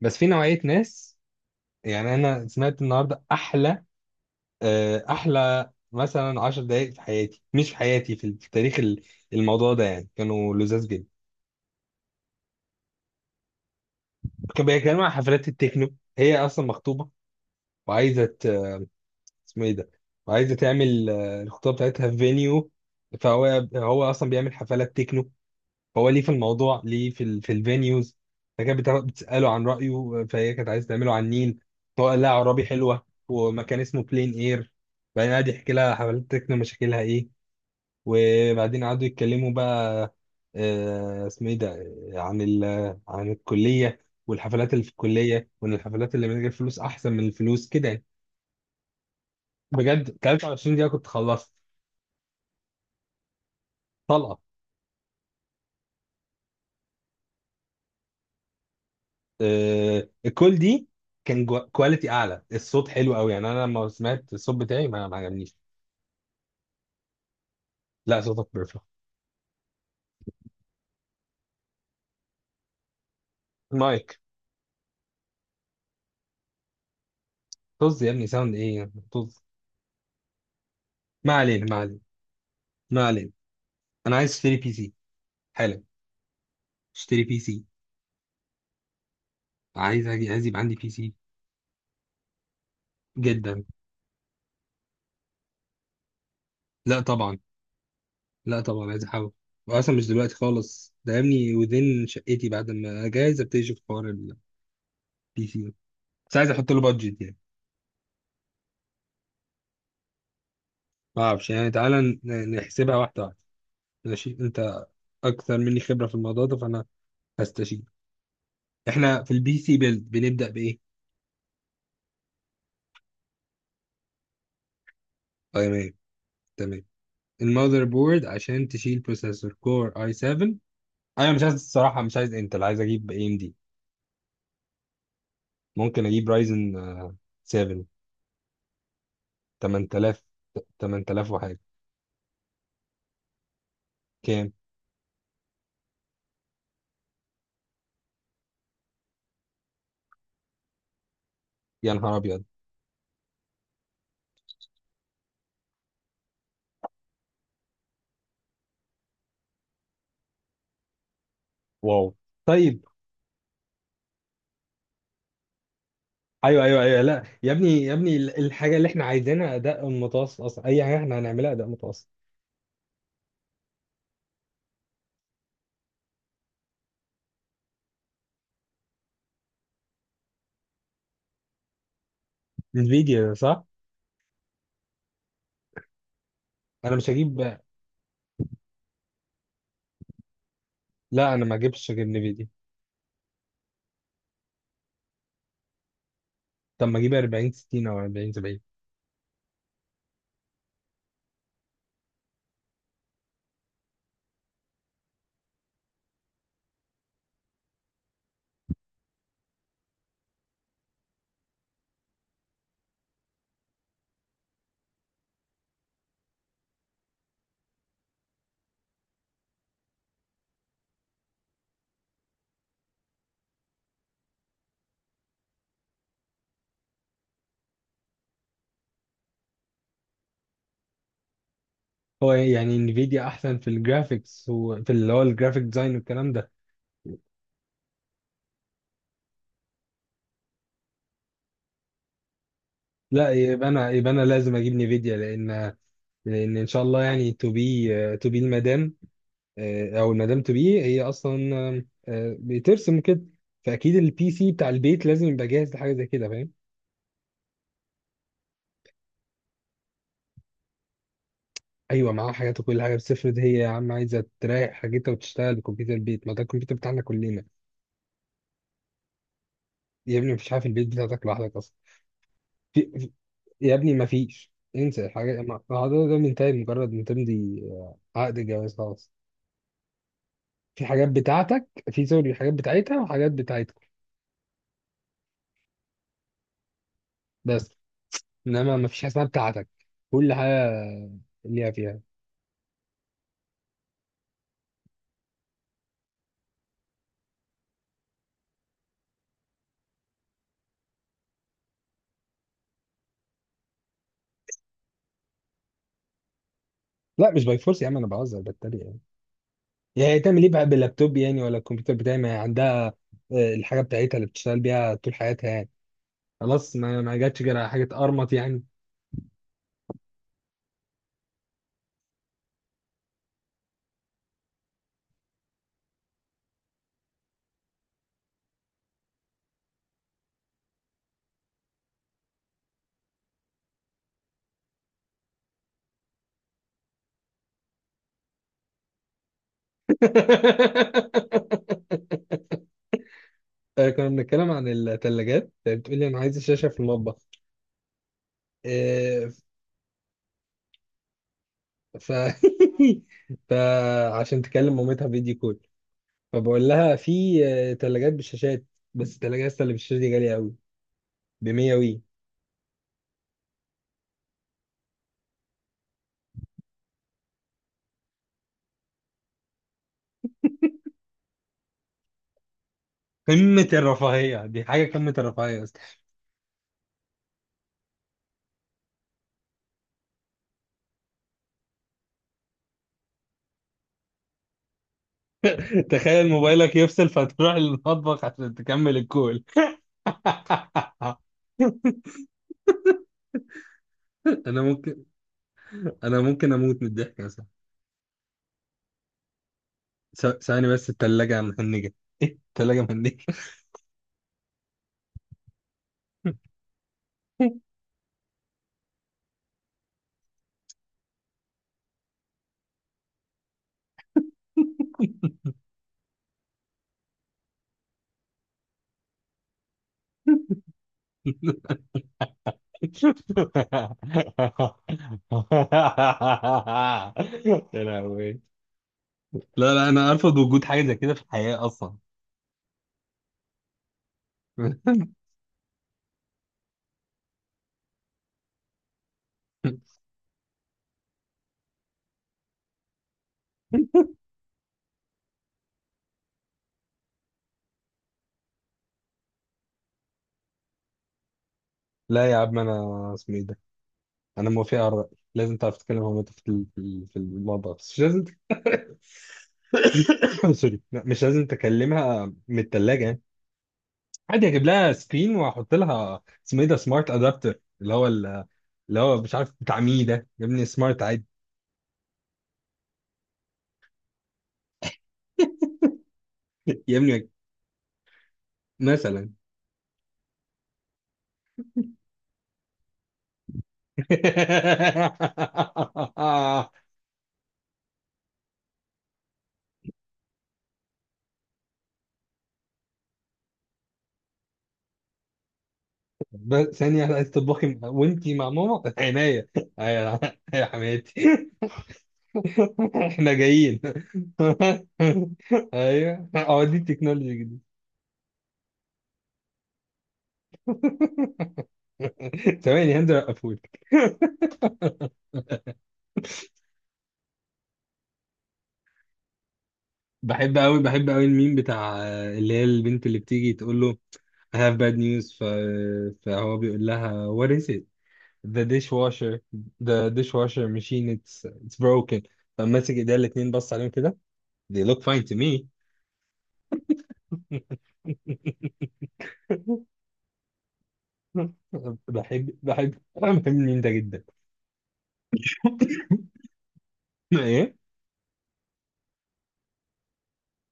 بس في نوعية ناس يعني أنا سمعت النهاردة أحلى، أحلى مثلا عشر دقايق في حياتي، مش في حياتي، في تاريخ الموضوع ده، يعني كانوا لذاذ جدا. كانوا بيتكلموا عن حفلات التكنو. هي أصلا مخطوبة وعايزة اسمه إيه ده، وعايزة تعمل الخطوبة بتاعتها في فينيو. فهو هو أصلا بيعمل حفلات تكنو. هو ليه في الموضوع، ليه في الفينيوز. فكانت بتساله عن رايه، فهي كانت عايزه تعمله على النيل. هو قال لها عرابي حلوه، ومكان اسمه بلين اير. بعدين قعد يحكي لها حفلات تكنو مشاكلها ايه. وبعدين قعدوا يتكلموا بقى، اسمه ايه ده، عن ال عن الكليه والحفلات اللي في الكليه، وان الحفلات اللي من غير فلوس احسن من الفلوس كده يعني. بجد 23 دقيقه كنت خلصت طلقه. الكول دي كان كواليتي اعلى، الصوت حلو قوي. يعني انا لما سمعت الصوت بتاعي ما عجبنيش. لا صوتك بيرفكت. مايك. طز يا ابني، ساوند ايه، طز. ما علينا، ما علينا، ما علينا. انا عايز اشتري بي سي حالا. اشتري بي سي. عايز يبقى عندي بي سي. جدا. لا طبعا. لا طبعا، عايز احاول. واصلا مش دلوقتي خالص، ده يا ابني ودين شقتي بعد ما اجهز ابتدي اشوف حوار البي سي ده. بس عايز احط له بادجت يعني. ما اعرفش يعني، تعالى نحسبها واحده واحده. ماشي، انت اكثر مني خبره في الموضوع ده، فانا هستشير. احنا في البي سي بيلد بنبدا بايه؟ اي ام اي. تمام. المذر بورد عشان تشيل بروسيسور كور اي 7. انا مش عايز الصراحه، مش عايز انتل، عايز اجيب اي ام دي. ممكن اجيب رايزن 7. 8000 8000 وحاجه. كام؟ يا نهار ابيض. واو. طيب. ايوه ايوه ايوه، لا يا ابني يا ابني، الحاجه اللي احنا عايزينها اداء متوسط، اصلا اي حاجه احنا هنعملها اداء متوسط. انفيديا، صح؟ انا مش هجيب. لا انا ما اجيبش غير NVIDIA. طب ما اجيب 40 60 او 40 70؟ هو إيه يعني، انفيديا احسن في الجرافيكس وفي اللي هو الجرافيك ديزاين والكلام ده؟ لا يبقى انا لازم اجيب نفيديا، لان ان شاء الله يعني، تو بي المدام، او المدام تو بي هي اصلا آم، آه، بترسم كده. فاكيد البي سي بتاع البيت لازم يبقى جاهز لحاجه زي كده، فاهم؟ ايوه معاها حاجات وكل حاجه، بس افرض هي يا عم عايزه تريح حاجتها وتشتغل بكمبيوتر البيت، ما ده الكمبيوتر بتاعنا كلنا. يا ابني مفيش حاجه في البيت بتاعتك لوحدك. في... في- يا ابني ما فيش، انسى الحاجات، الموضوع ده منتهي مجرد ما تمضي عقد جواز، خلاص. في حاجات بتاعتك، في سوري، حاجات بتاعتها، وحاجات بتاعتكم، بس. انما ما فيش حاجه اسمها بتاعتك. كل حاجه ليها فيها. لا مش باي فورس يا عم، انا بهزر بتريق يعني. يعني هي تعمل ايه بقى باللابتوب يعني، ولا الكمبيوتر بتاعي، ما هي عندها الحاجه بتاعتها اللي بتشتغل بيها طول حياتها يعني. خلاص ما جاتش غير على حاجه ارمط يعني. كنا بنتكلم عن الثلاجات، بتقولي انا عايز الشاشه في المطبخ. آه، ف فعشان تكلم مامتها فيديو كول، فبقول لها في ثلاجات بالشاشات. بس الثلاجه لسه اللي بالشاشه دي غاليه قوي، ب 100 وي. قمه الرفاهيه دي حاجه، قمه الرفاهيه اصلا. تخيل موبايلك يفصل فتروح للمطبخ عشان تكمل الكول. انا ممكن انا ممكن اموت من الضحك اصلا. ثواني بس، الثلاجه مهنجه. ايه، الثلاجه مهنجه. يا لهوي. لا لا، انا ارفض وجود حاجه زي كده في الحياه اصلا. لا يا عم، انا اسمه ايه ده، انا موافق على الراي. لازم تعرف تتكلم مع مامتك في الموضوع، بس مش لازم سوري. لا، مش لازم تكلمها من الثلاجه يعني. عادي اجيب لها سكرين واحط لها اسمه ايه ده، سمارت ادابتر، اللي هو مش عارف بتاع مين ده، يا ابني سمارت عادي. يا ابني، مثلا. بس ثانية واحدة، عايز تطبخي وانتي مع ماما عناية. ايوه يا حماتي. احنا جايين. ايوه، اه، دي التكنولوجي دي. ثواني، هنزل اقفول. بحب قوي، بحب قوي الميم بتاع اللي هي البنت اللي بتيجي تقول له I have bad news، فهو بيقول لها what is it. the dishwasher the dishwasher machine, it's broken. فماسك ايديها الاتنين، بص عليهم كده، they look fine to me. بحب بحب انا بحب مين ده جدا. ايه.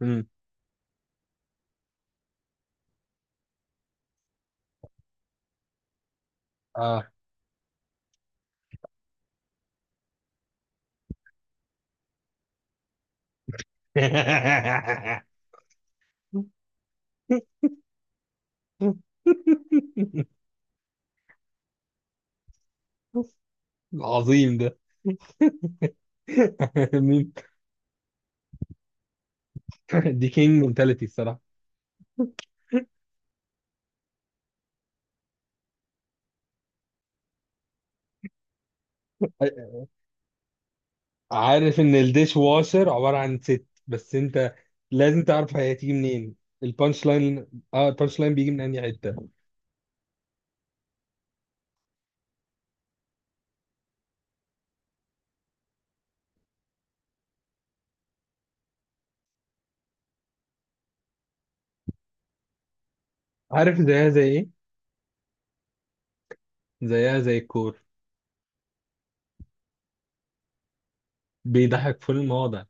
مم. اه عظيم ده. مين؟ دي كينج منتاليتي الصراحه. عارف ان الديش واشر عباره عن ست، بس انت لازم تعرف هي هتيجي منين. البانش لاين. اه، البانش لاين بيجي من انهي حته؟ عارف زيها زي ايه؟ زيها زي الكور، بيضحك في المواضع.